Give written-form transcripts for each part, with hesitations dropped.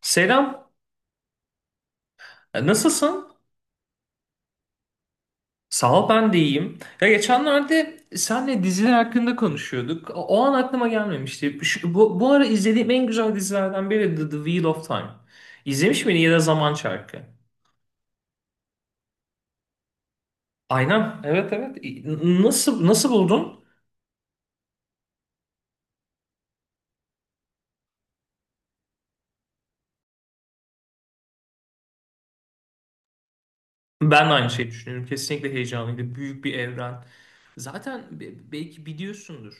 Selam. Nasılsın? Sağ ol, ben de iyiyim. Ya geçenlerde senle diziler hakkında konuşuyorduk. O an aklıma gelmemişti. Bu ara izlediğim en güzel dizilerden biri The Wheel of Time. İzlemiş miydin ya da Zaman Çarkı? Aynen, evet, evet. Nasıl buldun? Ben de aynı şeyi düşünüyorum. Kesinlikle heyecanlıydı. Büyük bir evren. Zaten belki biliyorsundur.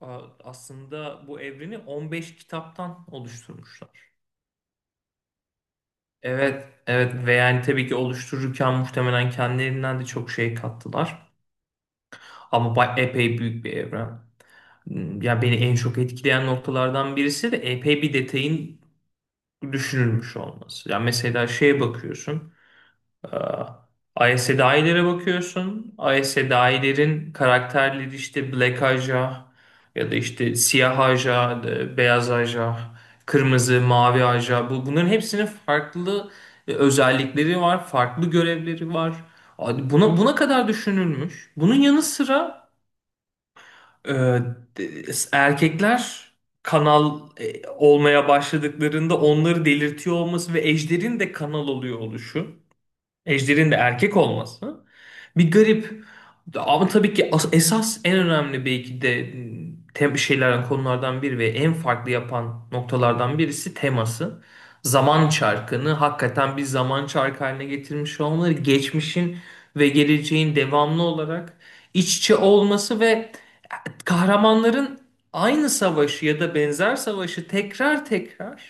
Aslında bu evreni 15 kitaptan oluşturmuşlar. Evet, evet ve yani tabii ki oluştururken muhtemelen kendilerinden de çok şey kattılar. Ama epey büyük bir evren. Ya beni en çok etkileyen noktalardan birisi de epey bir detayın düşünülmüş olması. Ya mesela şeye bakıyorsun. ISDI'lere bakıyorsun. ISDI'lerin karakterleri işte Black Aja ya da işte siyah Aja, beyaz Aja, kırmızı, mavi Aja. Bunların hepsinin farklı özellikleri var, farklı görevleri var. Abi Buna kadar düşünülmüş. Bunun yanı sıra e, de- erkekler kanal olmaya başladıklarında onları delirtiyor olması ve ejderin de kanal oluyor oluşu. Ejder'in de erkek olması bir garip. Ama tabii ki esas en önemli belki de tem şeylerden konulardan biri ve en farklı yapan noktalardan birisi teması. Zaman çarkını hakikaten bir zaman çarkı haline getirmiş olmaları, geçmişin ve geleceğin devamlı olarak iç içe olması ve kahramanların aynı savaşı ya da benzer savaşı tekrar tekrar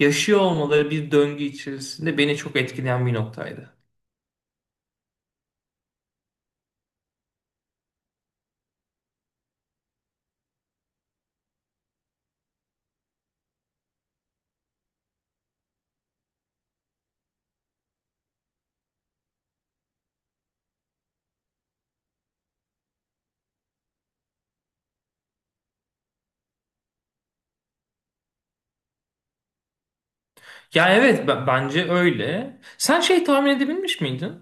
yaşıyor olmaları bir döngü içerisinde beni çok etkileyen bir noktaydı. Ya evet bence öyle. Sen şey tahmin edebilmiş miydin?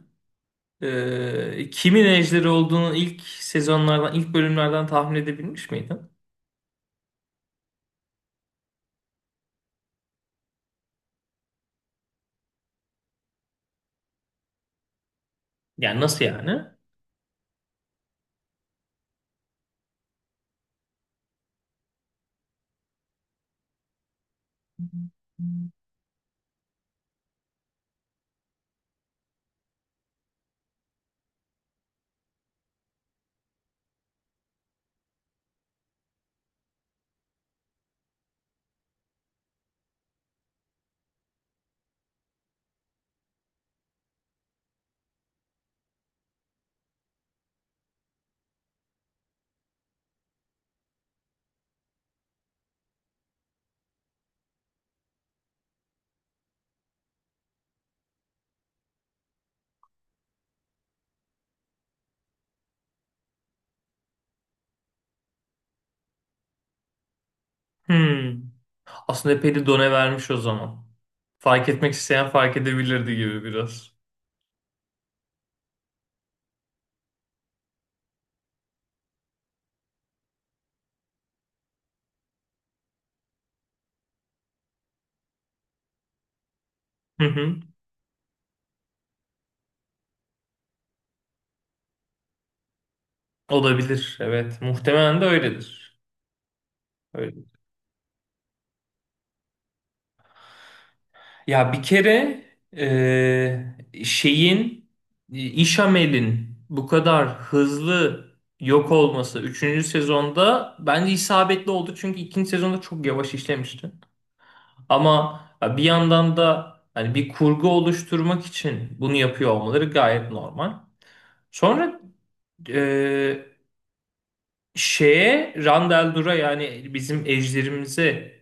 Kimin ejderi olduğunu ilk sezonlardan, ilk bölümlerden tahmin edebilmiş miydin? Yani nasıl yani? Hmm. Aslında epey de done vermiş o zaman. Fark etmek isteyen fark edebilirdi gibi biraz. Hı hı. Olabilir. Evet. Muhtemelen de öyledir. Öyle. Ya bir kere şeyin İshamelin bu kadar hızlı yok olması üçüncü sezonda bence isabetli oldu. Çünkü ikinci sezonda çok yavaş işlemişti. Ama ya bir yandan da hani bir kurgu oluşturmak için bunu yapıyor olmaları gayet normal. Sonra şeye Randall, yani bizim ejderimize,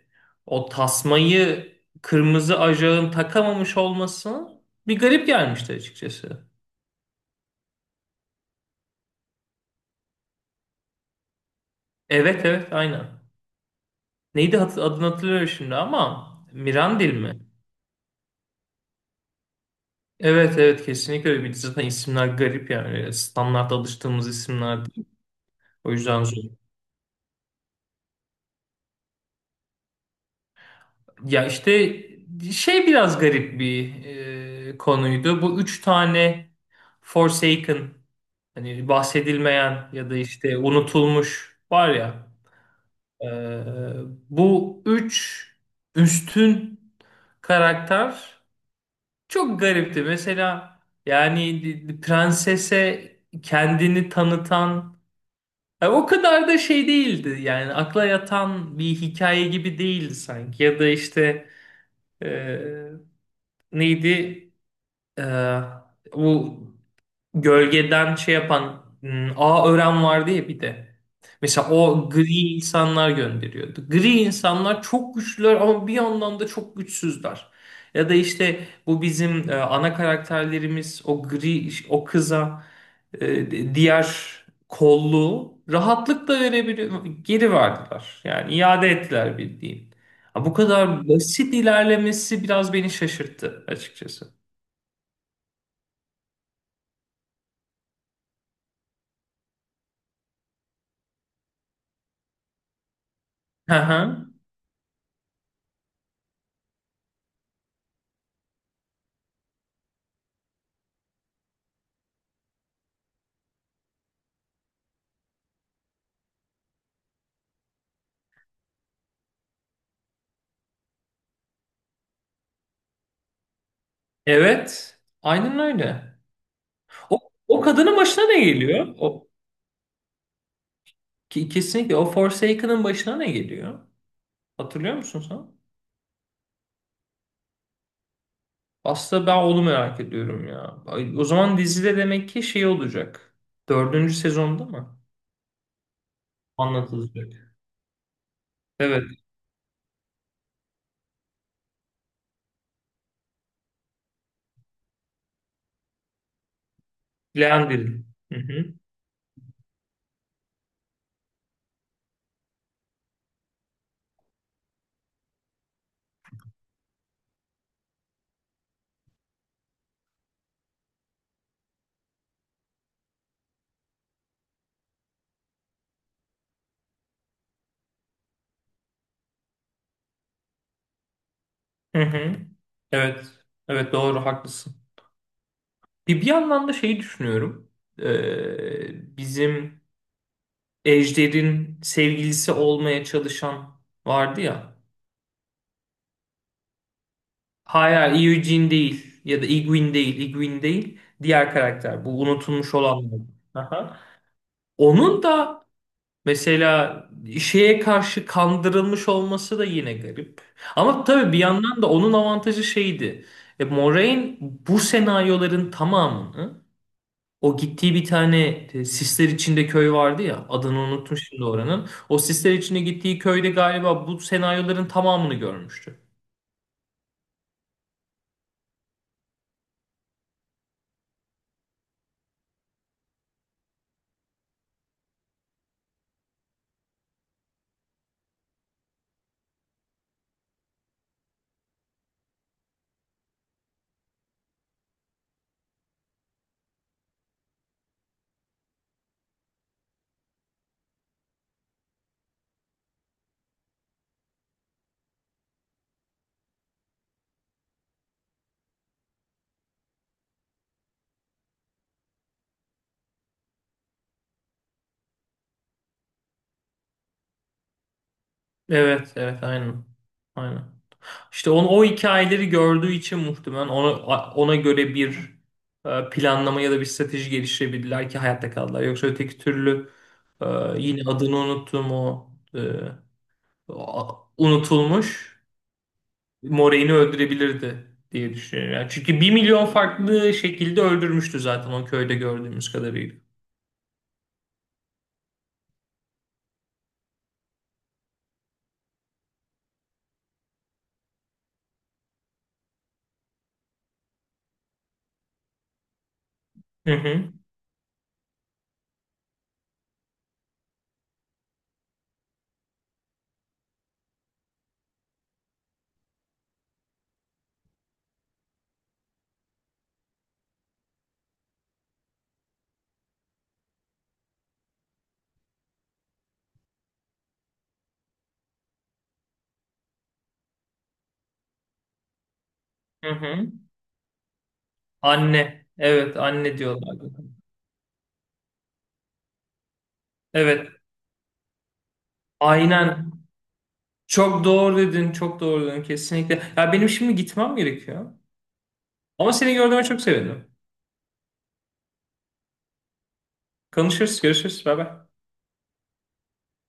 o tasmayı kırmızı ajağın takamamış olması bir garip gelmişti, açıkçası. Evet, evet, aynen. Neydi, adını hatırlıyorum şimdi ama Mirandil mi? Evet, evet, kesinlikle öyle. Bir de zaten isimler garip yani. Standart alıştığımız isimler değil. O yüzden zor. Ya işte şey biraz garip bir konuydu. Bu üç tane Forsaken, hani bahsedilmeyen ya da işte unutulmuş, var ya. e, bu üç üstün karakter çok garipti. Mesela yani prensese kendini tanıtan o kadar da şey değildi. Yani akla yatan bir hikaye gibi değildi sanki. Ya da işte... Ee, neydi? Ee, bu gölgeden şey yapan A Ören vardı ya bir de. Mesela o gri insanlar gönderiyordu. Gri insanlar çok güçlüler ama bir yandan da çok güçsüzler. Ya da işte bu bizim ana karakterlerimiz o gri o kıza diğer kolluğu rahatlıkla verebiliyor, geri verdiler. Yani iade ettiler bildiğin. Ha, bu kadar basit ilerlemesi biraz beni şaşırttı, açıkçası. Hı hı. Evet. Aynen öyle. O, o kadının başına ne geliyor? Kesinlikle o Forsaken'ın başına ne geliyor? Hatırlıyor musun sen? Aslında ben onu merak ediyorum ya. Ay, o zaman dizide demek ki şey olacak. Dördüncü sezonda mı? Anlatılacak. Evet. Leandrin. Hı hı. Hı hı. Evet. Evet, doğru, haklısın. Bir yandan da şeyi düşünüyorum. Bizim Ejder'in sevgilisi olmaya çalışan vardı ya. Hayır, hayır, Eugene değil ya da Igwin değil, Igwin değil. Diğer karakter bu unutulmuş olan. Aha. Onun da mesela şeye karşı kandırılmış olması da yine garip. Ama tabii bir yandan da onun avantajı şeydi. Moraine bu senaryoların tamamını o gittiği bir tane sisler içinde köy vardı ya, adını unuttum şimdi oranın. O sisler içinde gittiği köyde galiba bu senaryoların tamamını görmüştü. Evet, evet, aynen. Aynen. İşte onu, o hikayeleri gördüğü için muhtemelen ona göre bir planlama ya da bir strateji geliştirebildiler ki hayatta kaldılar. Yoksa öteki türlü e, yine adını unuttum o unutulmuş Morey'ni öldürebilirdi diye düşünüyorum. Yani çünkü bir milyon farklı şekilde öldürmüştü zaten o köyde gördüğümüz kadarıyla. Hı hı, hı hı. Anne. Evet, anne diyorlardı. Evet. Aynen. Çok doğru dedin, çok doğru dedin kesinlikle. Ya benim şimdi gitmem gerekiyor. Ama seni gördüğüme çok sevindim. Konuşuruz, görüşürüz. Bay bay.